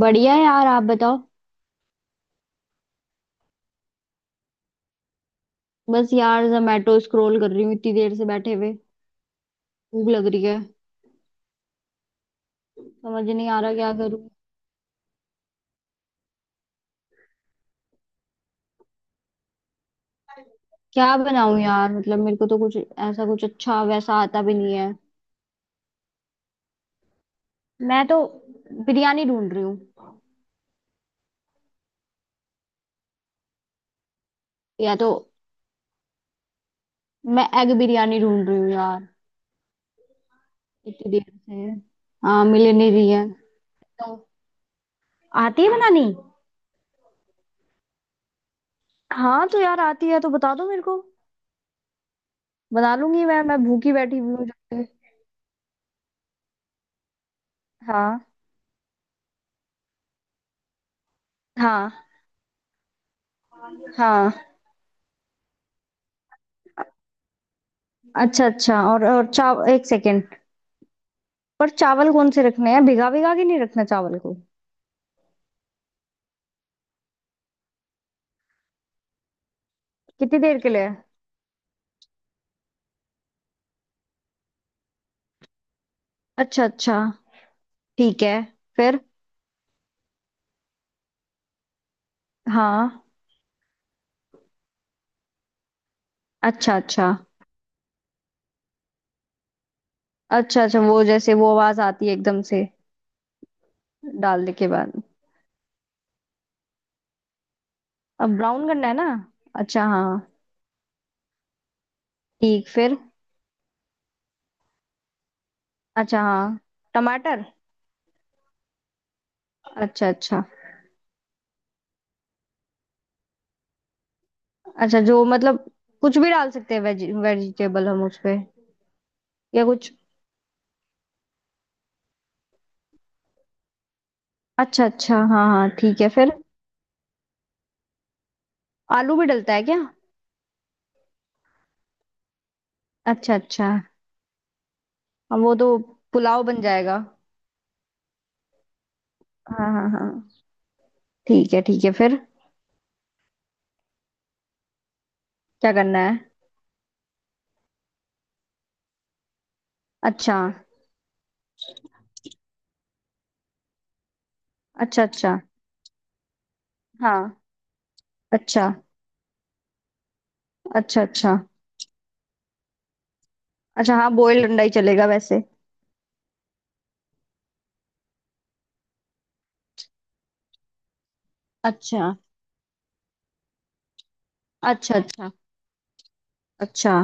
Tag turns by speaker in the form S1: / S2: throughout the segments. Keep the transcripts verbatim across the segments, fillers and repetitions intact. S1: बढ़िया है यार। आप बताओ। बस यार, जोमेटो स्क्रॉल कर रही हूँ इतनी देर से, बैठे हुए। भूख लग रही है। समझ नहीं आ रहा क्या करूँ। क्या बनाऊं यार, मतलब मेरे को तो कुछ ऐसा, कुछ अच्छा वैसा आता भी नहीं है। मैं तो बिरयानी ढूंढ रही हूँ। या तो मैं एग बिरयानी ढूंढ रही हूँ यार, इतनी देर से। हाँ, मिल नहीं रही है। तो आती है बनानी। हाँ तो यार, आती है तो बता दो मेरे को। बना लूंगी मैं मैं भूखी बैठी हुई हूँ जब से। हाँ, हाँ, हाँ। अच्छा, अच्छा। और और चाव एक सेकेंड। पर चावल कौन से रखने हैं? भिगा भिगा के नहीं रखना चावल को? कितनी देर के लिए? अच्छा, अच्छा। ठीक है। फिर? हाँ। अच्छा, अच्छा। अच्छा, अच्छा, वो जैसे वो आवाज आती है एकदम से? डालने के बाद? अब ब्राउन करना है ना? अच्छा, हाँ। ठीक, फिर? अच्छा, हाँ। टमाटर। अच्छा, अच्छा। अच्छा, जो मतलब कुछ भी डाल सकते हैं, वेज वेजिटेबल हम उस पे? या कुछ? अच्छा, अच्छा। हाँ, हाँ, ठीक है, फिर? आलू भी डलता है क्या? अच्छा, अच्छा। अब वो तो पुलाव बन जाएगा। हाँ, हाँ, हाँ। ठीक है, ठीक है, फिर? क्या करना है? अच्छा। अच्छा, अच्छा, हाँ। अच्छा, अच्छा, अच्छा, अच्छा, हाँ, बॉयल अंडा ही चलेगा वैसे? अच्छा, अच्छा, अच्छा, अच्छा।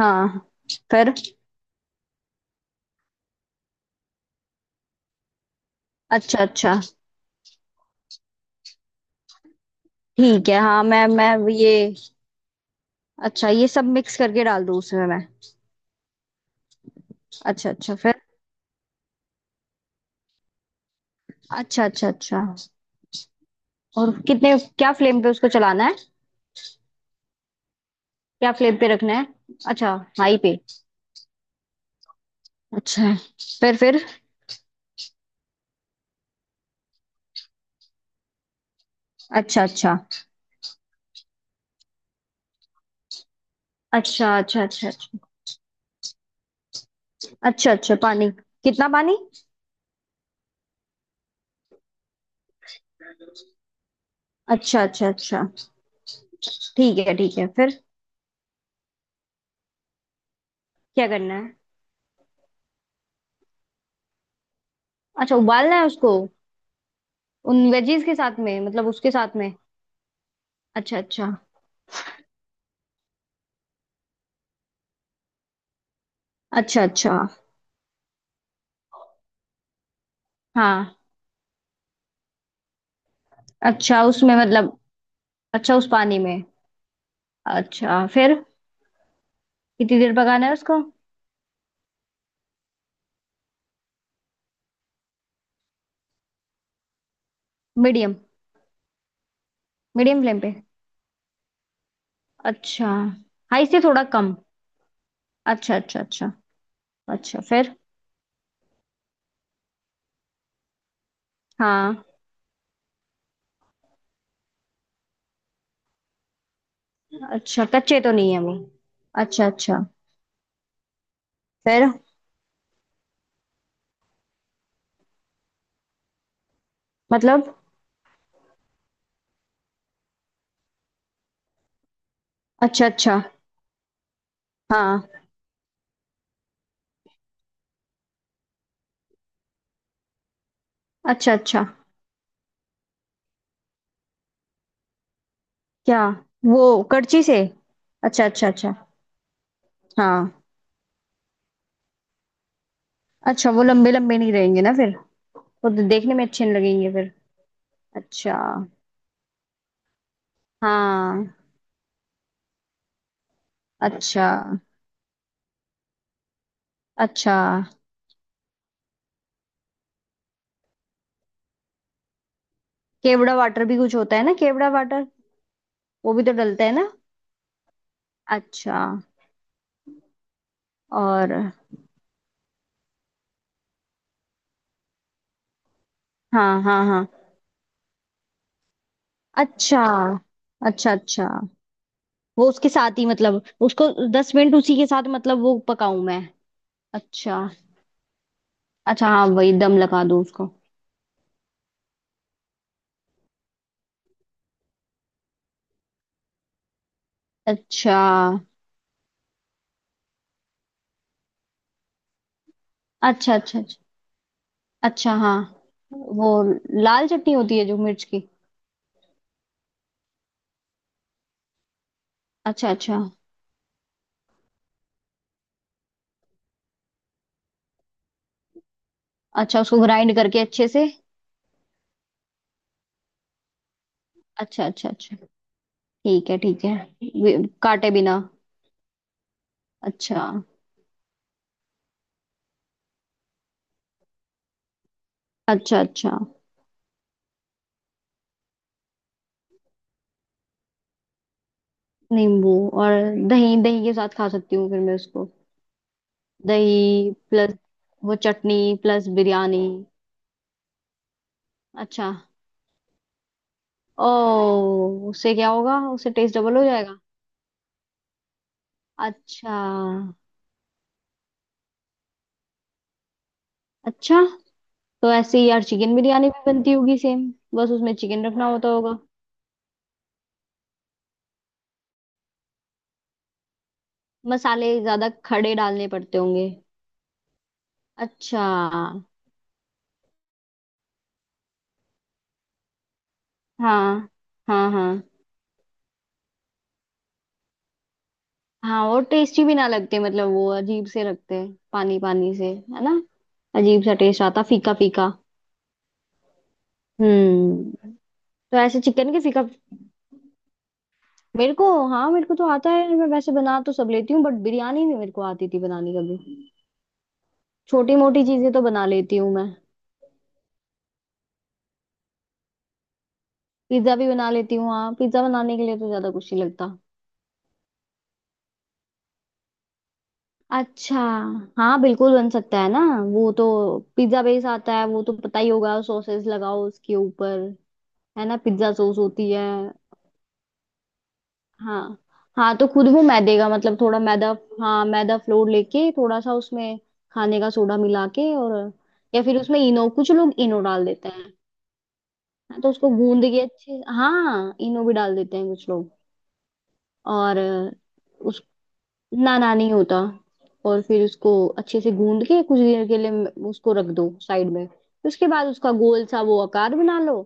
S1: हाँ, फिर? अच्छा, अच्छा, ठीक है। हाँ, मैं मैं ये, अच्छा, ये सब मिक्स करके डाल दूँ उसमें मैं? अच्छा, अच्छा, फिर? अच्छा, अच्छा, अच्छा। और कितने, क्या फ्लेम पे उसको चलाना है? क्या फ्लेम पे रखना है? अच्छा, हाई पे। अच्छा। फिर फिर? अच्छा, अच्छा, अच्छा, अच्छा, अच्छा, अच्छा, अच्छा, अच्छा, पानी। कितना पानी? अच्छा, अच्छा, अच्छा। ठीक है, ठीक है, फिर? क्या करना है? अच्छा, उबालना है उसको, उन वेजीज के साथ में, मतलब उसके साथ में? अच्छा, अच्छा, अच्छा, अच्छा, हाँ। अच्छा, उसमें मतलब, अच्छा, उस पानी में? अच्छा, फिर? कितनी देर पकाना है उसको? मीडियम। मीडियम फ्लेम पे? अच्छा, हाई से थोड़ा कम। अच्छा, अच्छा, अच्छा, अच्छा, फिर? हाँ। अच्छा, कच्चे तो नहीं है वो? अच्छा, अच्छा, फिर? मतलब? अच्छा, अच्छा। हाँ। अच्छा, अच्छा। क्या? वो करची से? अच्छा, अच्छा, अच्छा। हाँ। अच्छा, वो लंबे लंबे नहीं रहेंगे ना फिर? वो तो देखने में अच्छे नहीं लगेंगे फिर। अच्छा। हाँ। अच्छा। अच्छा। केवड़ा वाटर भी कुछ होता है ना, केवड़ा वाटर? वो भी तो डलता है ना? अच्छा। और? हाँ, हाँ, हाँ। अच्छा, अच्छा। अच्छा वो उसके साथ ही मतलब, उसको दस मिनट उसी के साथ मतलब वो पकाऊं मैं? अच्छा। अच्छा, हाँ, वही दम लगा दूं उसको। अच्छा, अच्छा। अच्छा, अच्छा। अच्छा, हाँ, वो लाल चटनी होती है जो मिर्च की? अच्छा अच्छा अच्छा, उसको ग्राइंड करके अच्छे से। अच्छा, अच्छा, अच्छा। ठीक है, ठीक है, वे- काटे बिना। अच्छा। अच्छा, अच्छा। नींबू। और? दही, दही के साथ खा सकती हूँ फिर मैं उसको। दही प्लस वो चटनी प्लस बिरयानी। अच्छा। ओ। उससे क्या होगा? उससे टेस्ट डबल हो जाएगा। अच्छा। अच्छा। तो ऐसे ही यार चिकन बिरयानी भी बनती होगी सेम? बस उसमें चिकन रखना होता होगा। मसाले ज्यादा खड़े डालने पड़ते होंगे? अच्छा। हाँ, हाँ, हाँ, हाँ। और टेस्टी भी ना लगते, मतलब वो अजीब से रखते हैं, पानी पानी से। है ना? अजीब सा टेस्ट आता, फीका फीका। हम्म। तो ऐसे चिकन के फीका। मेरे को, हाँ, मेरे को तो आता है, मैं वैसे बना तो सब लेती हूँ, बट बिरयानी नहीं मेरे को आती थी बनानी कभी। छोटी मोटी चीजें तो बना लेती हूँ मैं। पिज्जा भी बना लेती हूँ। हाँ, पिज्जा बनाने के लिए तो ज्यादा कुछ नहीं लगता। अच्छा। हाँ, बिल्कुल बन सकता है ना। वो तो, पिज्जा बेस आता है, वो तो पता ही होगा। सॉसेस लगाओ उसके ऊपर। है ना? पिज्जा सॉस होती है। हाँ। हाँ, तो खुद वो मैदे का, मतलब थोड़ा मैदा, हाँ, मैदा फ्लोर लेके, थोड़ा सा उसमें खाने का सोडा मिला के, और या फिर उसमें इनो, कुछ लोग इनो डाल देते हैं। हाँ, तो उसको गूंद के अच्छे। हाँ, इनो भी डाल देते हैं कुछ लोग। और, ना ना, नहीं होता। और फिर उसको अच्छे से गूंद के कुछ देर के लिए म- उसको रख दो साइड में, फिर उसके बाद उसका गोल सा वो आकार बना लो।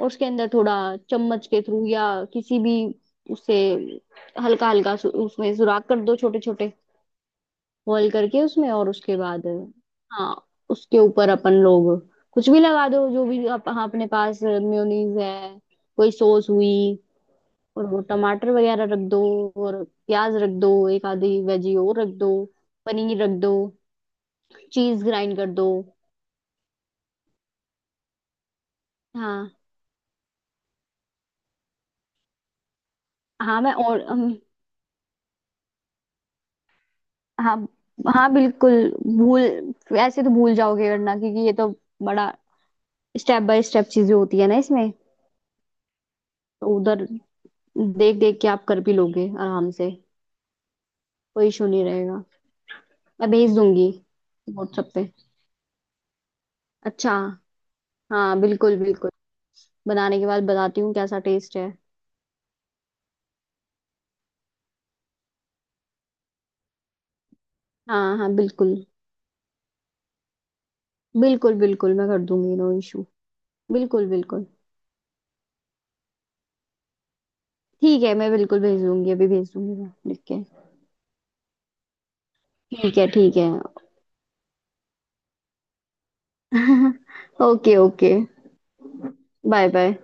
S1: और उसके अंदर थोड़ा चम्मच के थ्रू या किसी भी, उससे हल्का हल्का सु, उसमें सुराख कर दो, छोटे छोटे होल करके उसमें, और उसके बाद, हाँ, उसके ऊपर अपन लोग कुछ भी लगा दो, जो भी आप, हाँ, अपने पास मेयोनीज है, कोई सॉस हुई, और वो टमाटर वगैरह रख दो, और प्याज रख दो, एक आधी वेजी और रख दो, पनीर रख दो, चीज ग्राइंड कर दो। हाँ, हाँ, मैं और अम, हाँ, हाँ, बिल्कुल। भूल ऐसे तो भूल जाओगे वरना, क्योंकि ये तो बड़ा, स्टेप बाय स्टेप चीजें होती है ना इसमें। तो उधर देख देख के आप कर भी लोगे आराम से, कोई इशू नहीं रहेगा। मैं भेज दूंगी व्हाट्सएप पे। अच्छा। हाँ, बिल्कुल, बिल्कुल। बनाने के बाद बताती हूँ कैसा टेस्ट है। हाँ, हाँ, बिल्कुल, बिल्कुल, बिल्कुल, मैं कर दूंगी, नो इशू। बिल्कुल, बिल्कुल, ठीक है, मैं बिल्कुल भेज दूंगी, अभी भेज दूंगी मैं लिख के। ठीक है, ठीक है। Okay, okay. Bye, bye.